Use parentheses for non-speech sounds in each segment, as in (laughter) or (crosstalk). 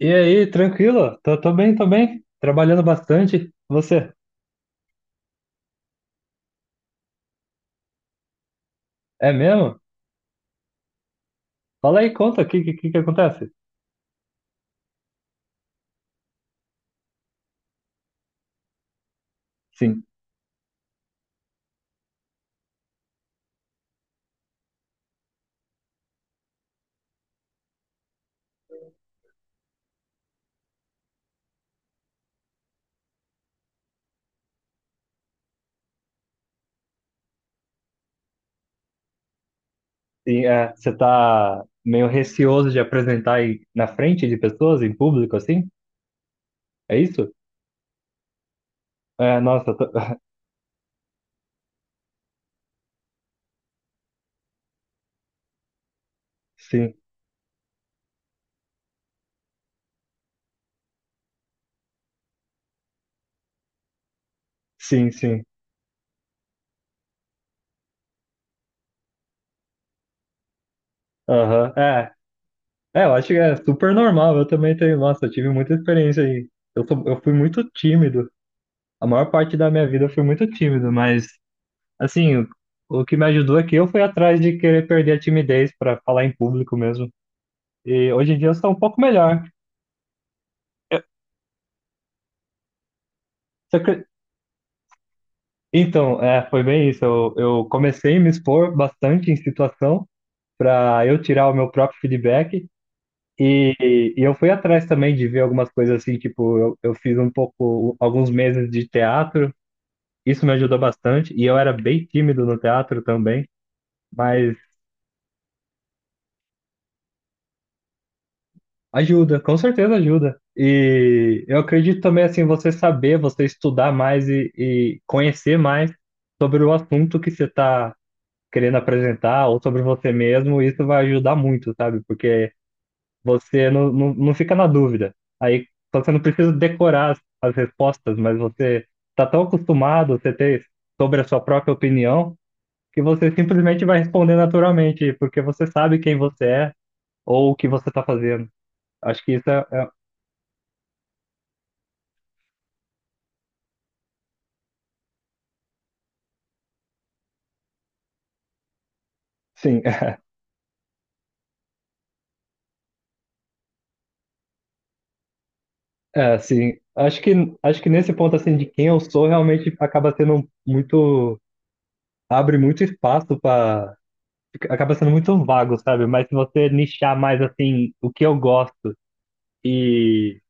E aí, tranquilo? Tô bem, tô bem. Trabalhando bastante. Você? É mesmo? Fala aí, conta, o que acontece? Sim. É, você tá meio receoso de apresentar aí na frente de pessoas, em público, assim? É isso? É, nossa, (laughs) sim, sim, sim. Aham. É, eu acho que é super normal. Eu também tenho, nossa, eu tive muita experiência aí. Eu fui muito tímido. A maior parte da minha vida eu fui muito tímido, mas assim, o que me ajudou é que eu fui atrás de querer perder a timidez para falar em público mesmo. E hoje em dia eu sou um pouco melhor. Só que- Então, é, foi bem isso. Eu comecei a me expor bastante em situação para eu tirar o meu próprio feedback. E eu fui atrás também de ver algumas coisas assim, tipo, eu fiz um pouco, alguns meses de teatro. Isso me ajudou bastante. E eu era bem tímido no teatro também. Mas ajuda, com certeza ajuda. E eu acredito também, assim, você saber, você estudar mais e conhecer mais sobre o assunto que você está querendo apresentar ou sobre você mesmo, isso vai ajudar muito, sabe? Porque você não, não fica na dúvida. Aí então, você não precisa decorar as respostas, mas você está tão acostumado, você ter sobre a sua própria opinião, que você simplesmente vai responder naturalmente, porque você sabe quem você é ou o que você está fazendo. Acho que isso é, é- sim. É, assim, acho que nesse ponto, assim, de quem eu sou, realmente acaba sendo muito, abre muito espaço para, acaba sendo muito vago, sabe? Mas se você nichar mais, assim, o que eu gosto e,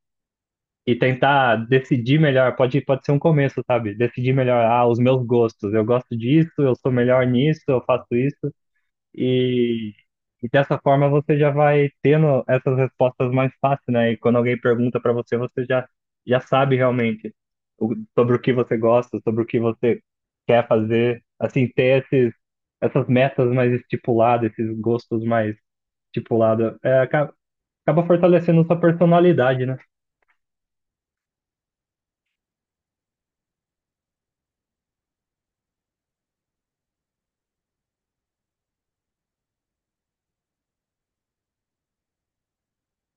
e tentar decidir melhor, pode ser um começo, sabe? Decidir melhor, ah, os meus gostos, eu gosto disso, eu sou melhor nisso, eu faço isso. E, e dessa forma você já vai tendo essas respostas mais fácil, né? E quando alguém pergunta para você, você já, já sabe realmente sobre o que você gosta, sobre o que você quer fazer. Assim, ter essas metas mais estipuladas, esses gostos mais estipulados, acaba fortalecendo sua personalidade, né?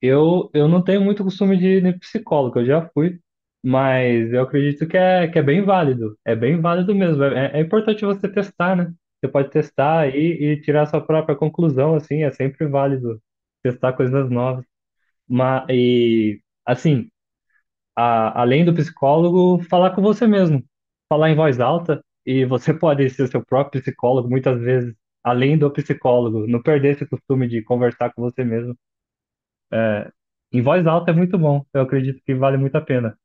Eu não tenho muito costume de ir em psicólogo, eu já fui, mas eu acredito que que é bem válido. É bem válido mesmo. É importante você testar, né? Você pode testar e tirar sua própria conclusão, assim, é sempre válido testar coisas novas. Mas, e, assim, além do psicólogo, falar com você mesmo, falar em voz alta, e você (laughs) pode ser seu próprio psicólogo, muitas vezes, além do psicólogo, não perder esse costume de conversar com você mesmo. É, Em voz alta é muito bom. Eu acredito que vale muito a pena.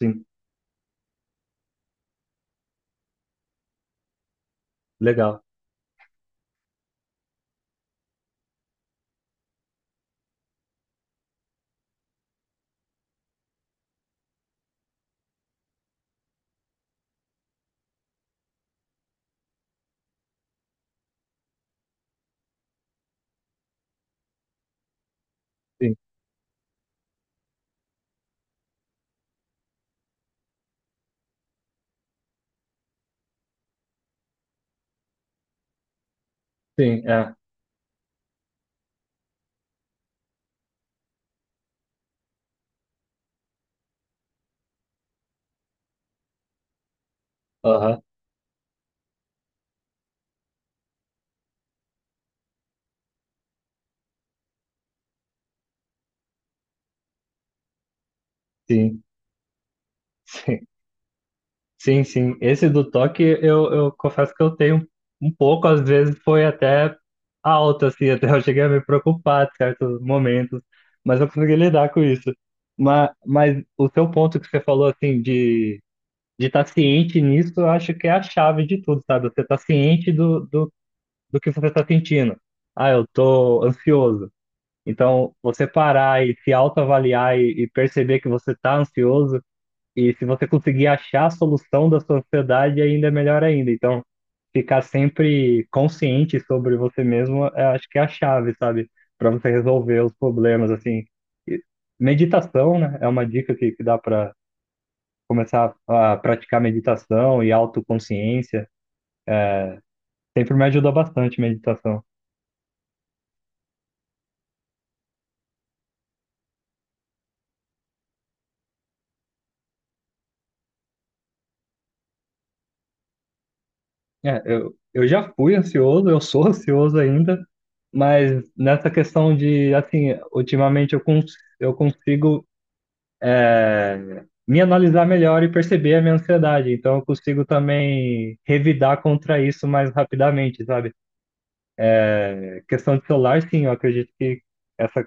Sim, legal. Sim, sim, é. Aham, sim, sim. Sim, sim. Esse do toque, eu confesso que eu tenho um pouco, às vezes foi até alto, assim, (laughs) até eu cheguei a me preocupar em certos momentos, mas eu consegui lidar com isso. Mas o seu ponto que você falou, assim, de estar ciente nisso, eu acho que é a chave de tudo, sabe? Você tá ciente do do que você tá sentindo. Ah, eu tô ansioso. Então, você parar e se autoavaliar e perceber que você está ansioso, e se você conseguir achar a solução da sua ansiedade, ainda é melhor ainda. Então, ficar sempre consciente sobre você mesmo, é, acho que é a chave, sabe? Para você resolver os problemas, assim. E meditação, né? É uma dica que dá para começar a praticar meditação e autoconsciência. Sempre me ajudou bastante meditação. É, eu já fui ansioso, eu sou (laughs) ansioso ainda, mas nessa questão de, assim, ultimamente eu, cons eu consigo é, me analisar melhor e perceber a minha ansiedade. Então eu consigo também revidar contra isso mais rapidamente, sabe? É, Questão de celular, sim, eu acredito que essa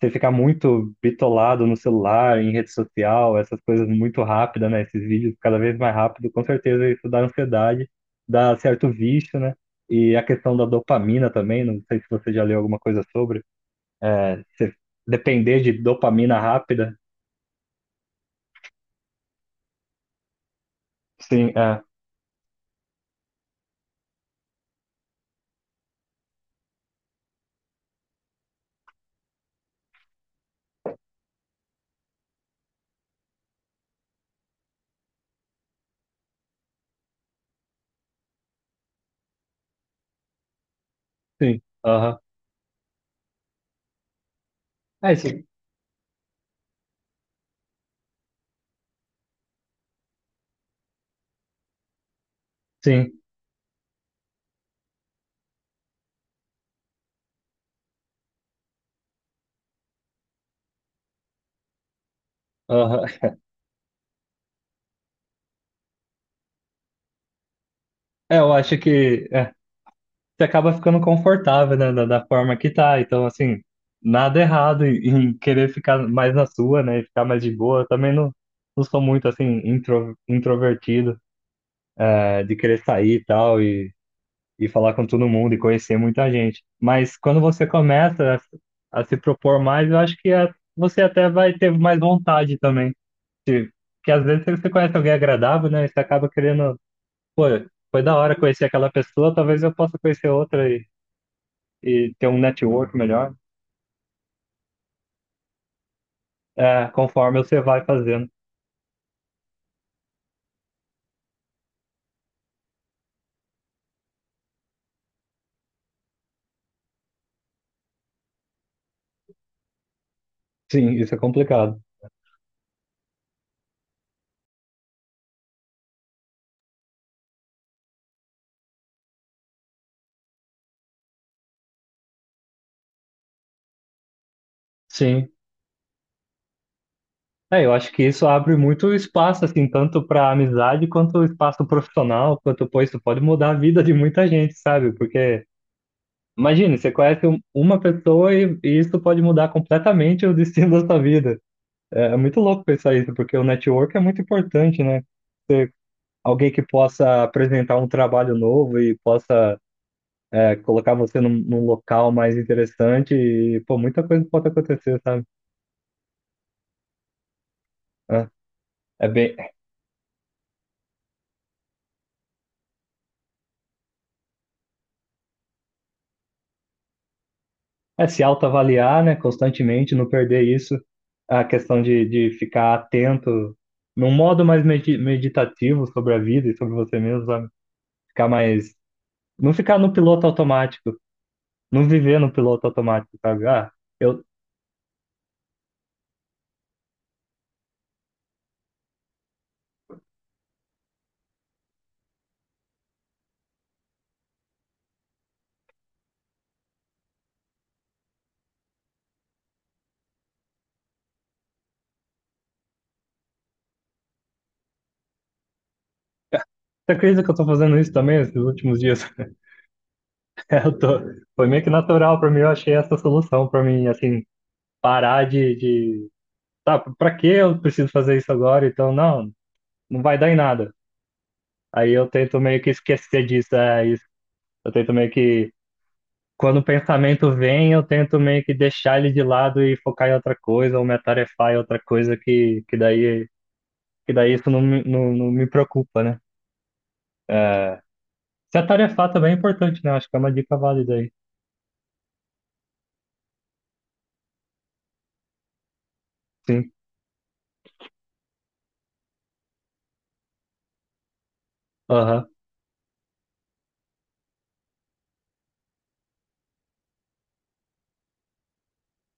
você ficar muito bitolado no celular, em rede social, essas coisas muito rápidas, né? Esses vídeos cada vez mais rápido, com certeza isso dá ansiedade, dá certo vício, né? E a questão da dopamina também, não sei se você já leu alguma coisa sobre, é, você depender de dopamina rápida. Sim, é, sim, aham. É isso, sim, aham. É, eu acho que é, você acaba ficando confortável, né, da forma que tá. Então, assim, nada errado em, em querer ficar mais na sua, né, e ficar mais de boa. Eu também não, não sou muito, assim, introvertido, eh, de querer sair e tal, e falar com todo mundo e conhecer muita gente. Mas quando você começa a se propor mais, eu acho que eh, você até vai ter mais vontade também. Se- Porque às vezes você conhece alguém agradável, né, e você acaba querendo, pô, foi da hora conhecer aquela pessoa, talvez eu possa conhecer outra e ter um network melhor, é, conforme você vai fazendo. Sim, isso é complicado. Sim. É, eu acho que isso abre muito espaço, assim, tanto para amizade quanto espaço profissional, quanto, pô, isso pode mudar a vida de muita gente, sabe? Porque, imagine, você conhece uma pessoa e isso pode mudar completamente o destino (laughs) da sua vida. É, é muito louco pensar isso, porque o network é muito importante, né? Ter alguém que possa apresentar um trabalho novo e possa é, colocar você num local mais interessante e, pô, muita coisa pode acontecer, sabe? É, é bem, é se autoavaliar, né, constantemente, não perder isso, a questão de ficar atento num modo mais meditativo sobre a vida e sobre você mesmo, sabe? Ficar mais, não ficar no piloto automático, não viver no piloto automático, sabe? Ah, eu, você acredita que eu tô fazendo isso também esses últimos dias? (laughs) É, Eu tô, foi meio que natural pra mim, eu achei essa solução pra mim, assim, parar de tá, pra que eu preciso fazer isso agora? Então, não, não vai dar em nada. Aí eu tento meio que esquecer disso, é isso. Eu tento meio que, quando o pensamento vem, eu tento meio que deixar ele de lado e focar em outra coisa, ou me atarefar em outra coisa que daí isso não me preocupa, né? É, se atarefar também é importante, né? Acho que é uma dica válida aí. Sim, aham,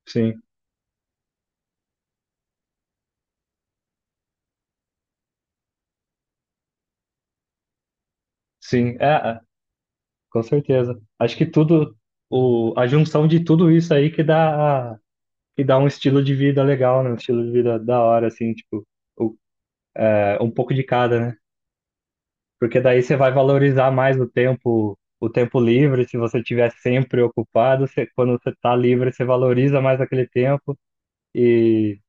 sim, sim, é, é, com certeza. Acho que tudo, a junção de tudo isso aí que dá a e dá um estilo de vida legal, né? Um estilo de vida da hora, assim, tipo, o- é, um pouco de cada, né? Porque daí você vai valorizar mais o tempo livre, se você tiver sempre ocupado, você, quando você tá livre, você valoriza mais aquele tempo e,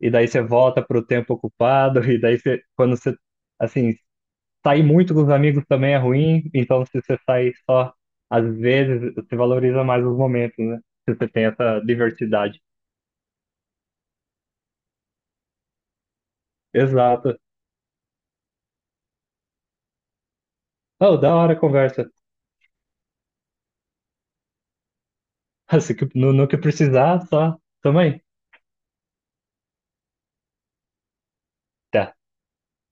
e daí você volta pro tempo ocupado, (laughs) e daí você, quando você, assim, sair muito com os amigos também é ruim, então se você sair só às vezes, você valoriza mais os momentos, né? Se você tem essa diversidade. Exato. Oh, da hora a conversa. Se que- no, no que precisar, só. Também. Tá.